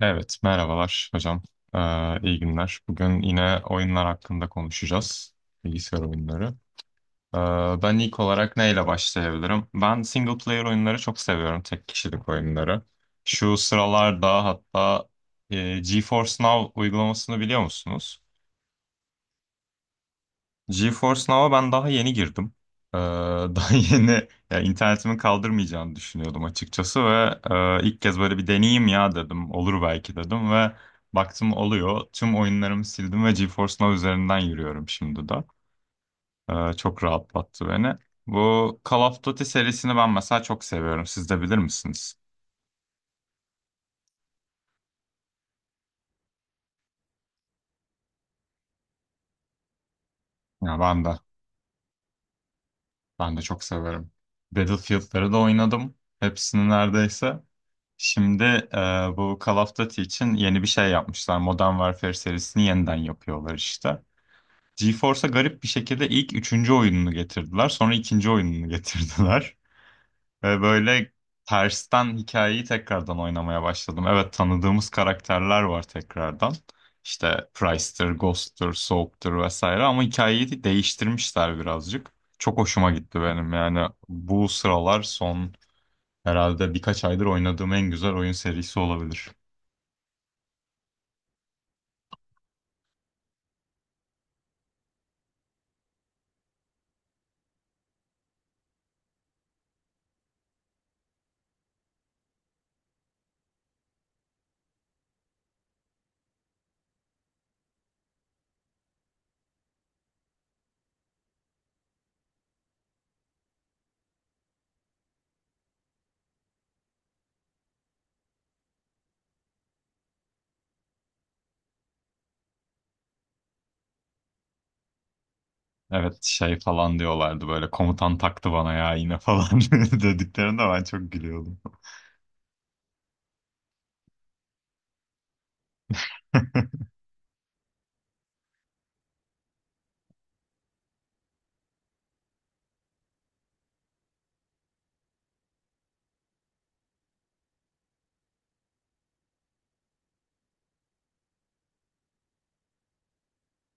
Evet, merhabalar hocam. İyi günler. Bugün yine oyunlar hakkında konuşacağız. Bilgisayar oyunları. Ee, ben ilk olarak neyle başlayabilirim? Ben single player oyunları çok seviyorum, tek kişilik oyunları. Şu sıralarda hatta GeForce Now uygulamasını biliyor musunuz? GeForce Now'a ben daha yeni girdim. Ee, daha yeni ya internetimin kaldırmayacağını düşünüyordum açıkçası ve ilk kez böyle bir deneyeyim ya dedim. Olur belki dedim ve baktım oluyor. Tüm oyunlarımı sildim ve GeForce Now üzerinden yürüyorum şimdi de. Çok rahatlattı beni. Bu Call of Duty serisini ben mesela çok seviyorum. Siz de bilir misiniz? Ya ben de. Ben de çok severim. Battlefield'ları da oynadım. Hepsini neredeyse. Şimdi bu Call of Duty için yeni bir şey yapmışlar. Modern Warfare serisini yeniden yapıyorlar işte. GeForce'a garip bir şekilde ilk üçüncü oyununu getirdiler. Sonra ikinci oyununu getirdiler. Ve böyle tersten hikayeyi tekrardan oynamaya başladım. Evet, tanıdığımız karakterler var tekrardan. İşte Price'tır, Ghost'tur, Soap'tur vesaire ama hikayeyi de değiştirmişler birazcık. Çok hoşuma gitti benim yani bu sıralar son herhalde birkaç aydır oynadığım en güzel oyun serisi olabilir. Evet şey falan diyorlardı böyle komutan taktı bana ya yine falan dediklerinde ben çok gülüyordum.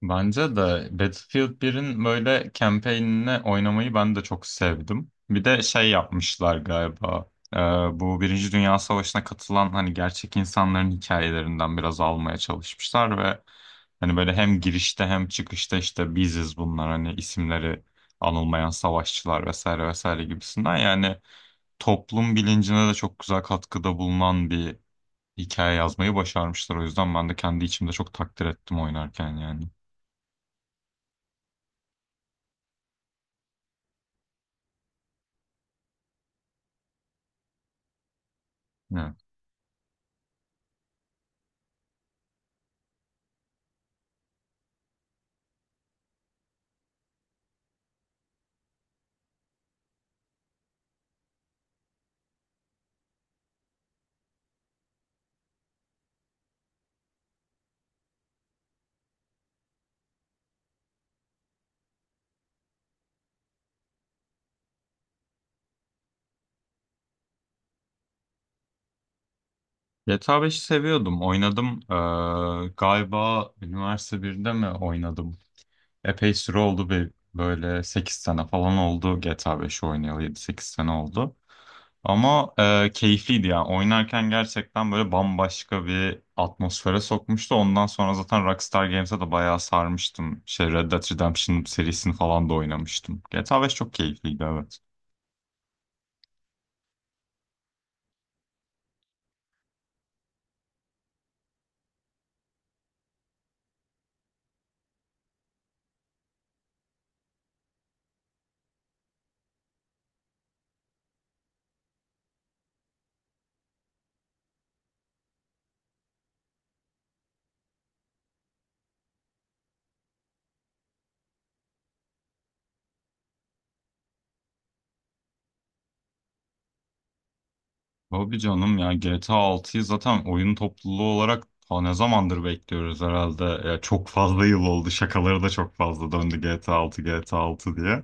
Bence de Battlefield birin böyle campaign'ine oynamayı ben de çok sevdim. Bir de şey yapmışlar galiba. Bu Birinci Dünya Savaşı'na katılan hani gerçek insanların hikayelerinden biraz almaya çalışmışlar ve hani böyle hem girişte hem çıkışta işte biziz bunlar hani isimleri anılmayan savaşçılar vesaire vesaire gibisinden yani toplum bilincine de çok güzel katkıda bulunan bir hikaye yazmayı başarmışlar. O yüzden ben de kendi içimde çok takdir ettim oynarken yani. GTA 5'i seviyordum. Oynadım. Galiba üniversite 1'de mi oynadım? Epey süre oldu. Bir, böyle 8 sene falan oldu GTA 5'i oynayalı. Yedi sekiz sene oldu. Ama keyifliydi yani. Oynarken gerçekten böyle bambaşka bir atmosfere sokmuştu. Ondan sonra zaten Rockstar Games'e de bayağı sarmıştım. Şey Red Dead Redemption serisini falan da oynamıştım. GTA 5 çok keyifliydi, evet. Tabii canım ya GTA 6'yı zaten oyun topluluğu olarak ta ne zamandır bekliyoruz herhalde. Ya çok fazla yıl oldu. Şakaları da çok fazla döndü GTA 6 GTA 6 diye.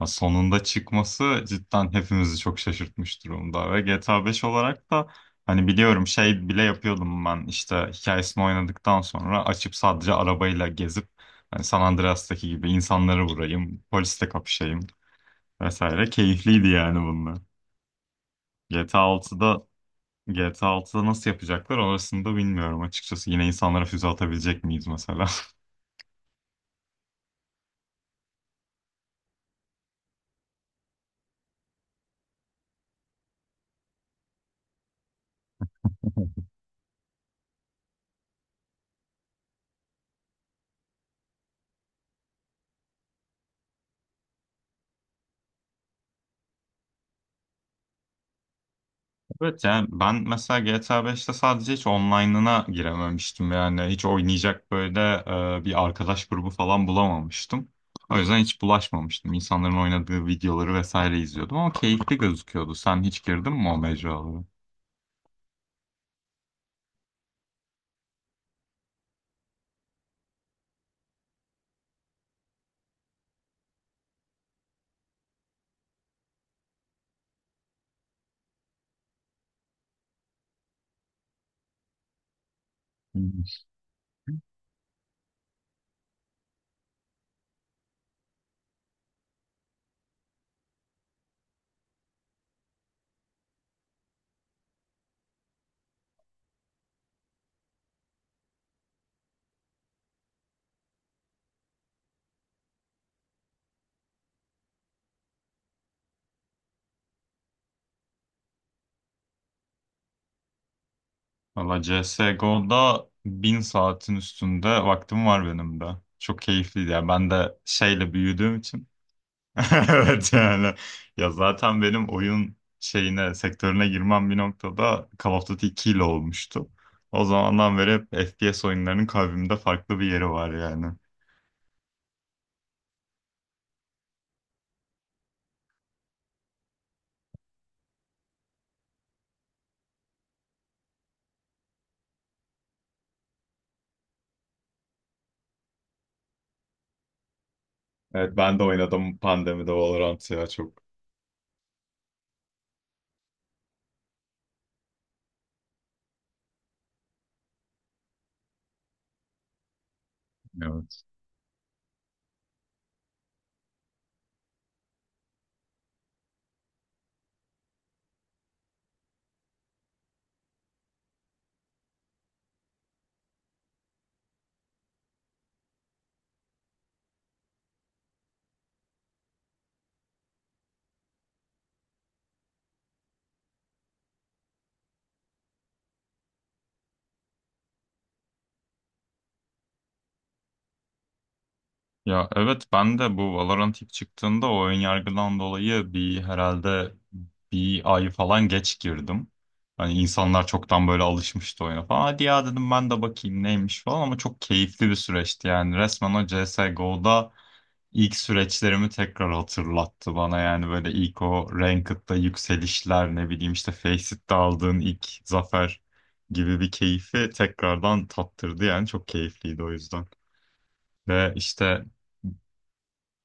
Ya sonunda çıkması cidden hepimizi çok şaşırtmış durumda. Ve GTA 5 olarak da hani biliyorum şey bile yapıyordum ben işte hikayesini oynadıktan sonra açıp sadece arabayla gezip hani San Andreas'taki gibi insanları vurayım, polisle kapışayım vesaire. Keyifliydi yani bunlar. GTA 6'da GTA 6'da nasıl yapacaklar orasını da bilmiyorum açıkçası. Yine insanlara füze atabilecek miyiz mesela? Evet yani ben mesela GTA 5'te sadece hiç online'ına girememiştim. Yani hiç oynayacak böyle bir arkadaş grubu falan bulamamıştım. O yüzden hiç bulaşmamıştım. İnsanların oynadığı videoları vesaire izliyordum ama keyifli gözüküyordu. Sen hiç girdin mi o mecralara? Hmm. Valla CSGO'da bin saatin üstünde vaktim var benim de. Çok keyifliydi. Yani ben de şeyle büyüdüğüm için evet yani ya zaten benim oyun şeyine sektörüne girmem bir noktada Call of Duty 2 ile olmuştu. O zamandan beri hep FPS oyunlarının kalbimde farklı bir yeri var yani. Evet ben de oynadım pandemide Valorant ya çok. Evet. Ya evet ben de bu Valorant ilk çıktığında o ön yargıdan dolayı bir herhalde bir ay falan geç girdim. Hani insanlar çoktan böyle alışmıştı oyuna falan. Hadi ya dedim ben de bakayım neymiş falan ama çok keyifli bir süreçti yani. Resmen o C S. CSGO'da ilk süreçlerimi tekrar hatırlattı bana yani böyle ilk o Ranked'da yükselişler ne bileyim işte Faceit aldığın ilk zafer gibi bir keyfi tekrardan tattırdı yani çok keyifliydi o yüzden. Ve işte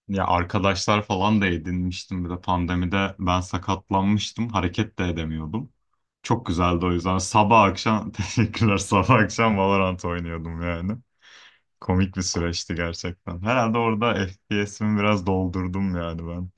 ya arkadaşlar falan da edinmiştim. Bir de pandemide ben sakatlanmıştım. Hareket de edemiyordum. Çok güzeldi o yüzden. Sabah akşam teşekkürler. Sabah akşam Valorant oynuyordum yani. Komik bir süreçti gerçekten. Herhalde orada FPS'imi biraz doldurdum yani ben.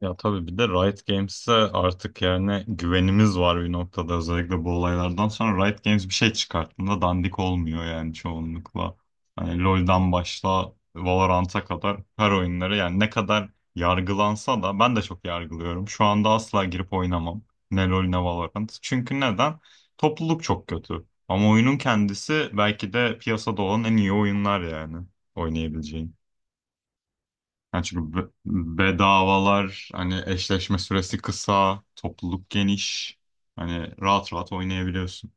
Ya tabii bir de Riot Games'e artık yani güvenimiz var bir noktada, özellikle bu olaylardan sonra Riot Games bir şey çıkarttığında dandik olmuyor yani çoğunlukla. Hani LoL'dan başla Valorant'a kadar her oyunları yani ne kadar yargılansa da ben de çok yargılıyorum. Şu anda asla girip oynamam. Ne LoL ne Valorant. Çünkü neden? Topluluk çok kötü. Ama oyunun kendisi belki de piyasada olan en iyi oyunlar yani oynayabileceğin. Yani çünkü bedavalar, hani eşleşme süresi kısa, topluluk geniş. Hani rahat rahat oynayabiliyorsun.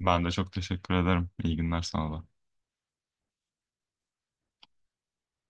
Ben de çok teşekkür ederim. İyi günler sana da.